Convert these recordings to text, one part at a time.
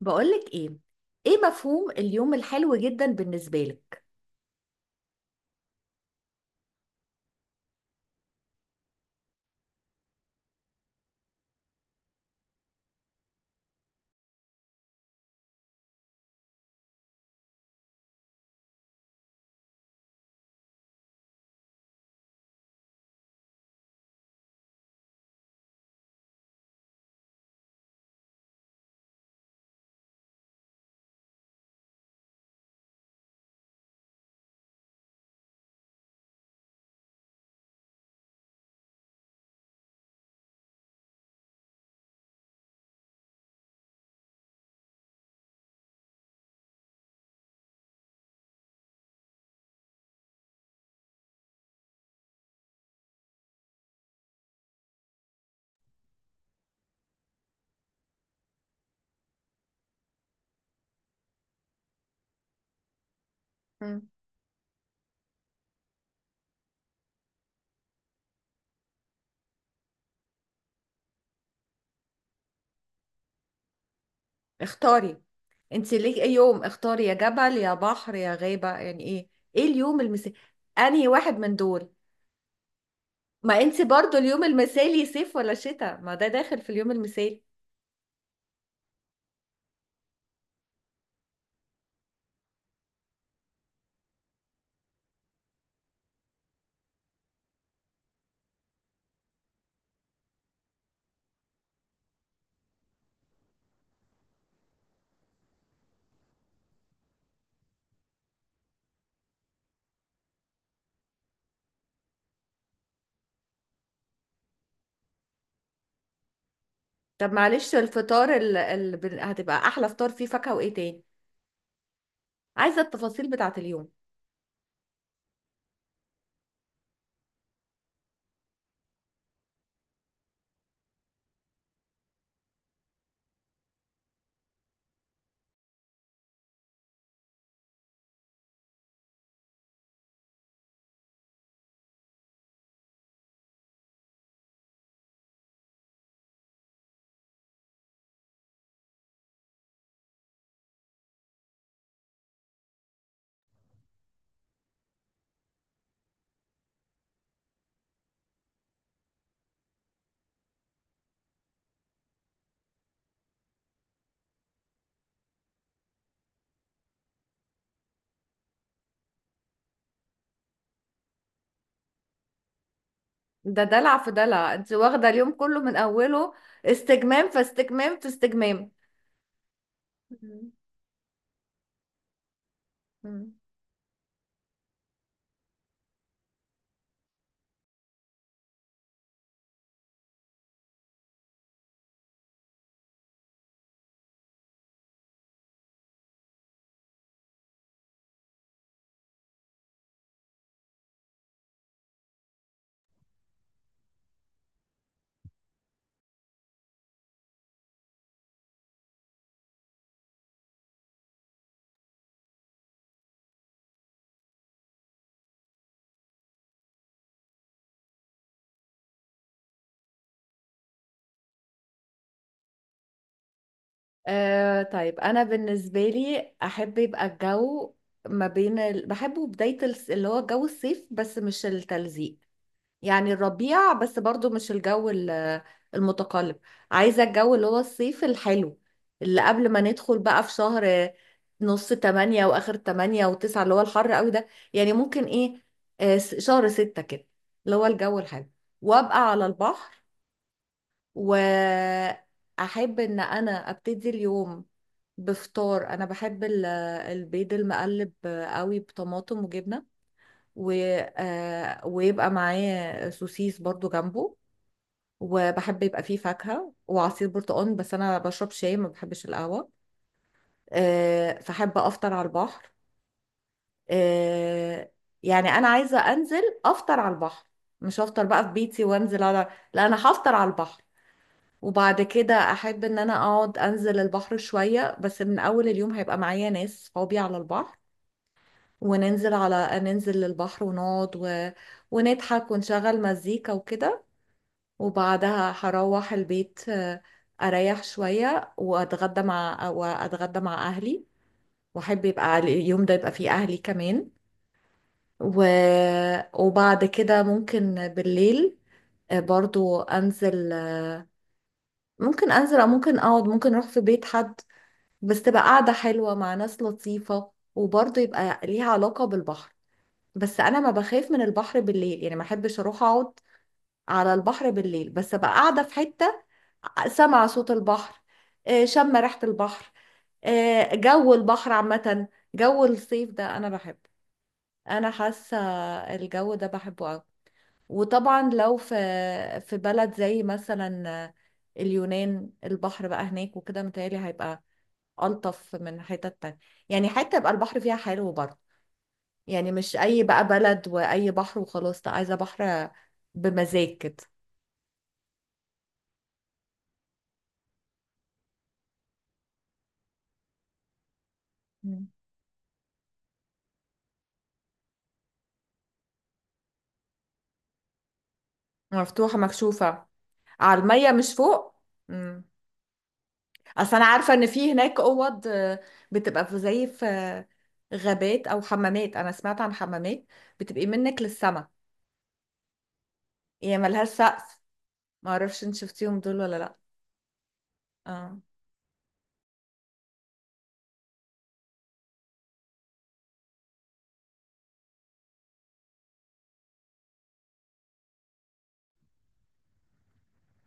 بقولك ايه؟ ايه مفهوم اليوم الحلو جدا بالنسبة لك؟ مم. اختاري انت ليه ايه يوم، اختاري يا جبل يا بحر يا غابة يعني ايه؟ ايه اليوم المثالي؟ انهي واحد من دول؟ ما انت برضو اليوم المثالي صيف ولا شتاء؟ ما ده داخل في اليوم المثالي. طب معلش، الفطار هتبقى احلى فطار، فيه فاكهة وايه تاني؟ عايزة التفاصيل بتاعت اليوم. ده دلع في دلع، انت واخدة اليوم كله من اوله، استجمام في استجمام في استجمام. مم. طيب، انا بالنسبه لي احب يبقى الجو ما بين بحبه بدايه اللي هو جو الصيف بس مش التلزيق، يعني الربيع، بس برضو مش الجو المتقلب. عايزه الجو اللي هو الصيف الحلو، اللي قبل ما ندخل بقى في شهر نص 8 واخر 8 و9، اللي هو الحر قوي ده. يعني ممكن ايه، شهر 6 كده، اللي هو الجو الحلو. وابقى على البحر، واحب ان انا ابتدي اليوم بفطار. انا بحب البيض المقلب قوي بطماطم وجبنه، و... ويبقى معاه سوسيس برضو جنبه. وبحب يبقى فيه فاكهه وعصير برتقال، بس انا بشرب شاي، ما بحبش القهوه. فحب افطر على البحر. آه، يعني انا عايزه انزل افطر على البحر، مش هفطر بقى في بيتي وانزل على... لا، انا هفطر على البحر. وبعد كده احب ان انا اقعد انزل البحر شوية، بس من اول اليوم هيبقى معايا ناس صحابي على البحر. وننزل على ننزل للبحر ونقعد ونضحك ونشغل مزيكا وكده. وبعدها هروح البيت، اريح شوية، واتغدى مع اهلي. واحب يبقى اليوم ده يبقى فيه اهلي كمان. و... وبعد كده ممكن بالليل، برضو انزل. ممكن انزل او ممكن اقعد، ممكن اروح في بيت حد، بس تبقى قاعدة حلوة مع ناس لطيفة، وبرضه يبقى ليها علاقة بالبحر. بس أنا ما بخاف من البحر بالليل، يعني ما أحبش أروح أقعد على البحر بالليل، بس أبقى قاعدة في حتة، سامعة صوت البحر، شامة ريحة البحر، جو البحر عامة. جو الصيف ده أنا بحبه، أنا حاسة الجو ده بحبه أوي. وطبعا لو في بلد زي مثلا اليونان، البحر بقى هناك وكده متهيألي هيبقى ألطف من حتة تانية. يعني حتة يبقى البحر فيها حلو برضه، يعني مش أي بقى بلد وأي بحر وخلاص، لا، عايزة بحر بمزاج كده. مم. مفتوحة مكشوفة على المية، مش فوق. مم. أصل أنا عارفة إن في هناك أوض، بتبقى زي في غابات أو حمامات. أنا سمعت عن حمامات بتبقى منك للسما، هي ملهاش سقف. معرفش إن شفتيهم دول ولا لأ. آه.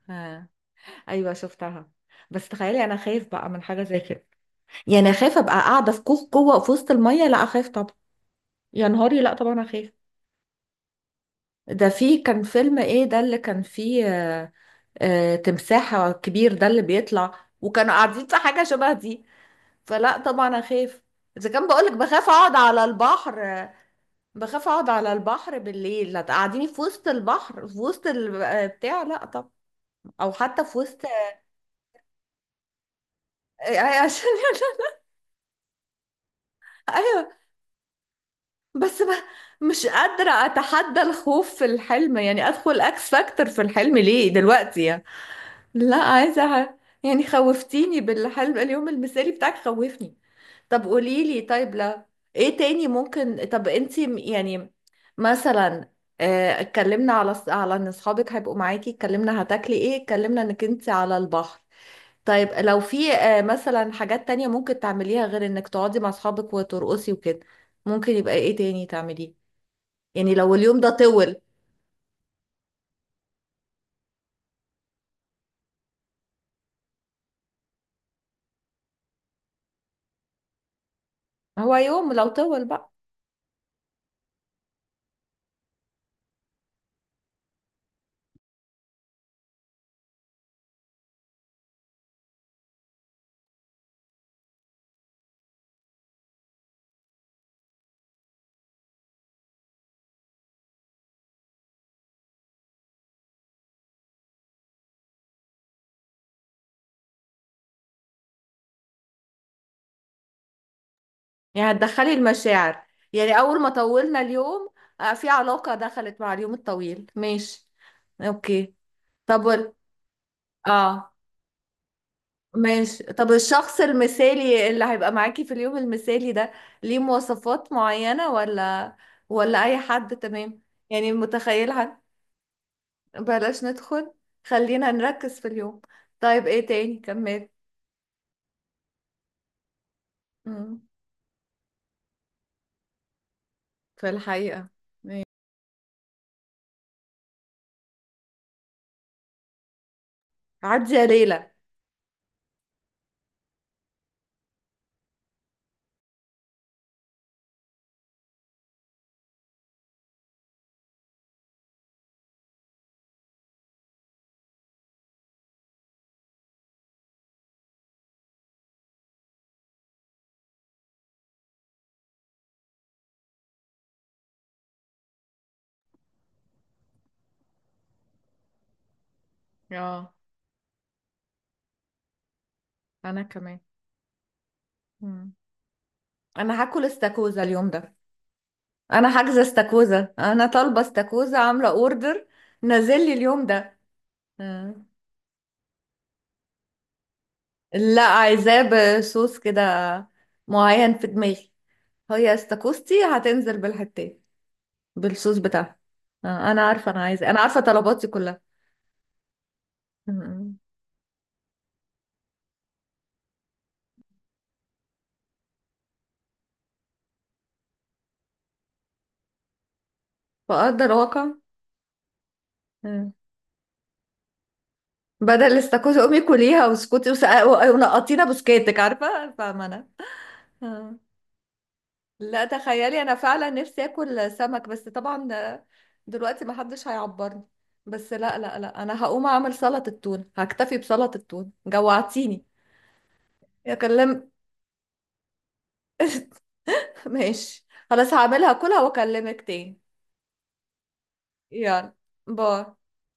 آه. أيوة شفتها. بس تخيلي أنا خايف بقى من حاجة زي كده، يعني اخاف ابقى قاعده في كوخ جوه في وسط الميه؟ لا، اخاف طبعا. يا نهاري، لا طبعا اخاف. ده في كان فيلم ايه ده اللي كان فيه تمساح كبير ده اللي بيطلع، وكانوا قاعدين في حاجه شبه دي. فلا طبعا اخاف. اذا كان بقولك بخاف اقعد على البحر، بخاف اقعد على البحر بالليل، لا تقعديني في وسط البحر، في وسط بتاع، لا طب، او حتى في وسط عشان... ايوه، بس بقى مش قادرة أتحدى الخوف في الحلم، يعني أدخل أكس فاكتور في الحلم ليه دلوقتي يعني؟ لا، عايزة يعني خوفتيني بالحلم، اليوم المثالي بتاعك خوفني. طب قوليلي، طيب لا. إيه تاني ممكن؟ طب أنتي يعني مثلا، اتكلمنا على ان اصحابك هيبقوا معاكي، اتكلمنا هتاكلي ايه، اتكلمنا انك انت على البحر. طيب لو في مثلا حاجات تانية ممكن تعمليها غير انك تقعدي مع اصحابك وترقصي وكده، ممكن يبقى ايه تاني تعمليه؟ يعني لو اليوم ده طول. هو يوم لو طول بقى. يعني هتدخلي المشاعر؟ يعني أول ما طولنا اليوم، في علاقة دخلت مع اليوم الطويل، ماشي. اوكي، طب اه ماشي. طب الشخص المثالي اللي هيبقى معاكي في اليوم المثالي ده ليه مواصفات معينة، ولا أي حد تمام؟ يعني متخيل حد. بلاش ندخل، خلينا نركز في اليوم. طيب ايه تاني؟ كمل. مم. في الحقيقة. عدي يا ليلى. اه، انا كمان. مم. انا هاكل استاكوزا اليوم ده. انا حاجزه استاكوزا، انا طالبه استاكوزا، عامله اوردر، نازل لي اليوم ده. مم. لا، عايزاه بصوص كده معين في دماغي. هي استاكوزتي هتنزل بالحتات بالصوص بتاعها. انا عارفه، انا عايزه، انا عارفه طلباتي كلها. مم. فاقدر واقع. مم. بدل الاستاكوزا امي كليها واسكتي ونقطينا بسكاتك، عارفه فاهمه انا. آه. لا، تخيلي انا فعلا نفسي اكل سمك، بس طبعا دلوقتي ما حدش هيعبرني. بس لا لا لا، انا هقوم اعمل سلطة التون، هكتفي بسلطة التون، جوعتيني. يا كلم! ماشي خلاص، هعملها كلها واكلمك تاني. يلا، باي.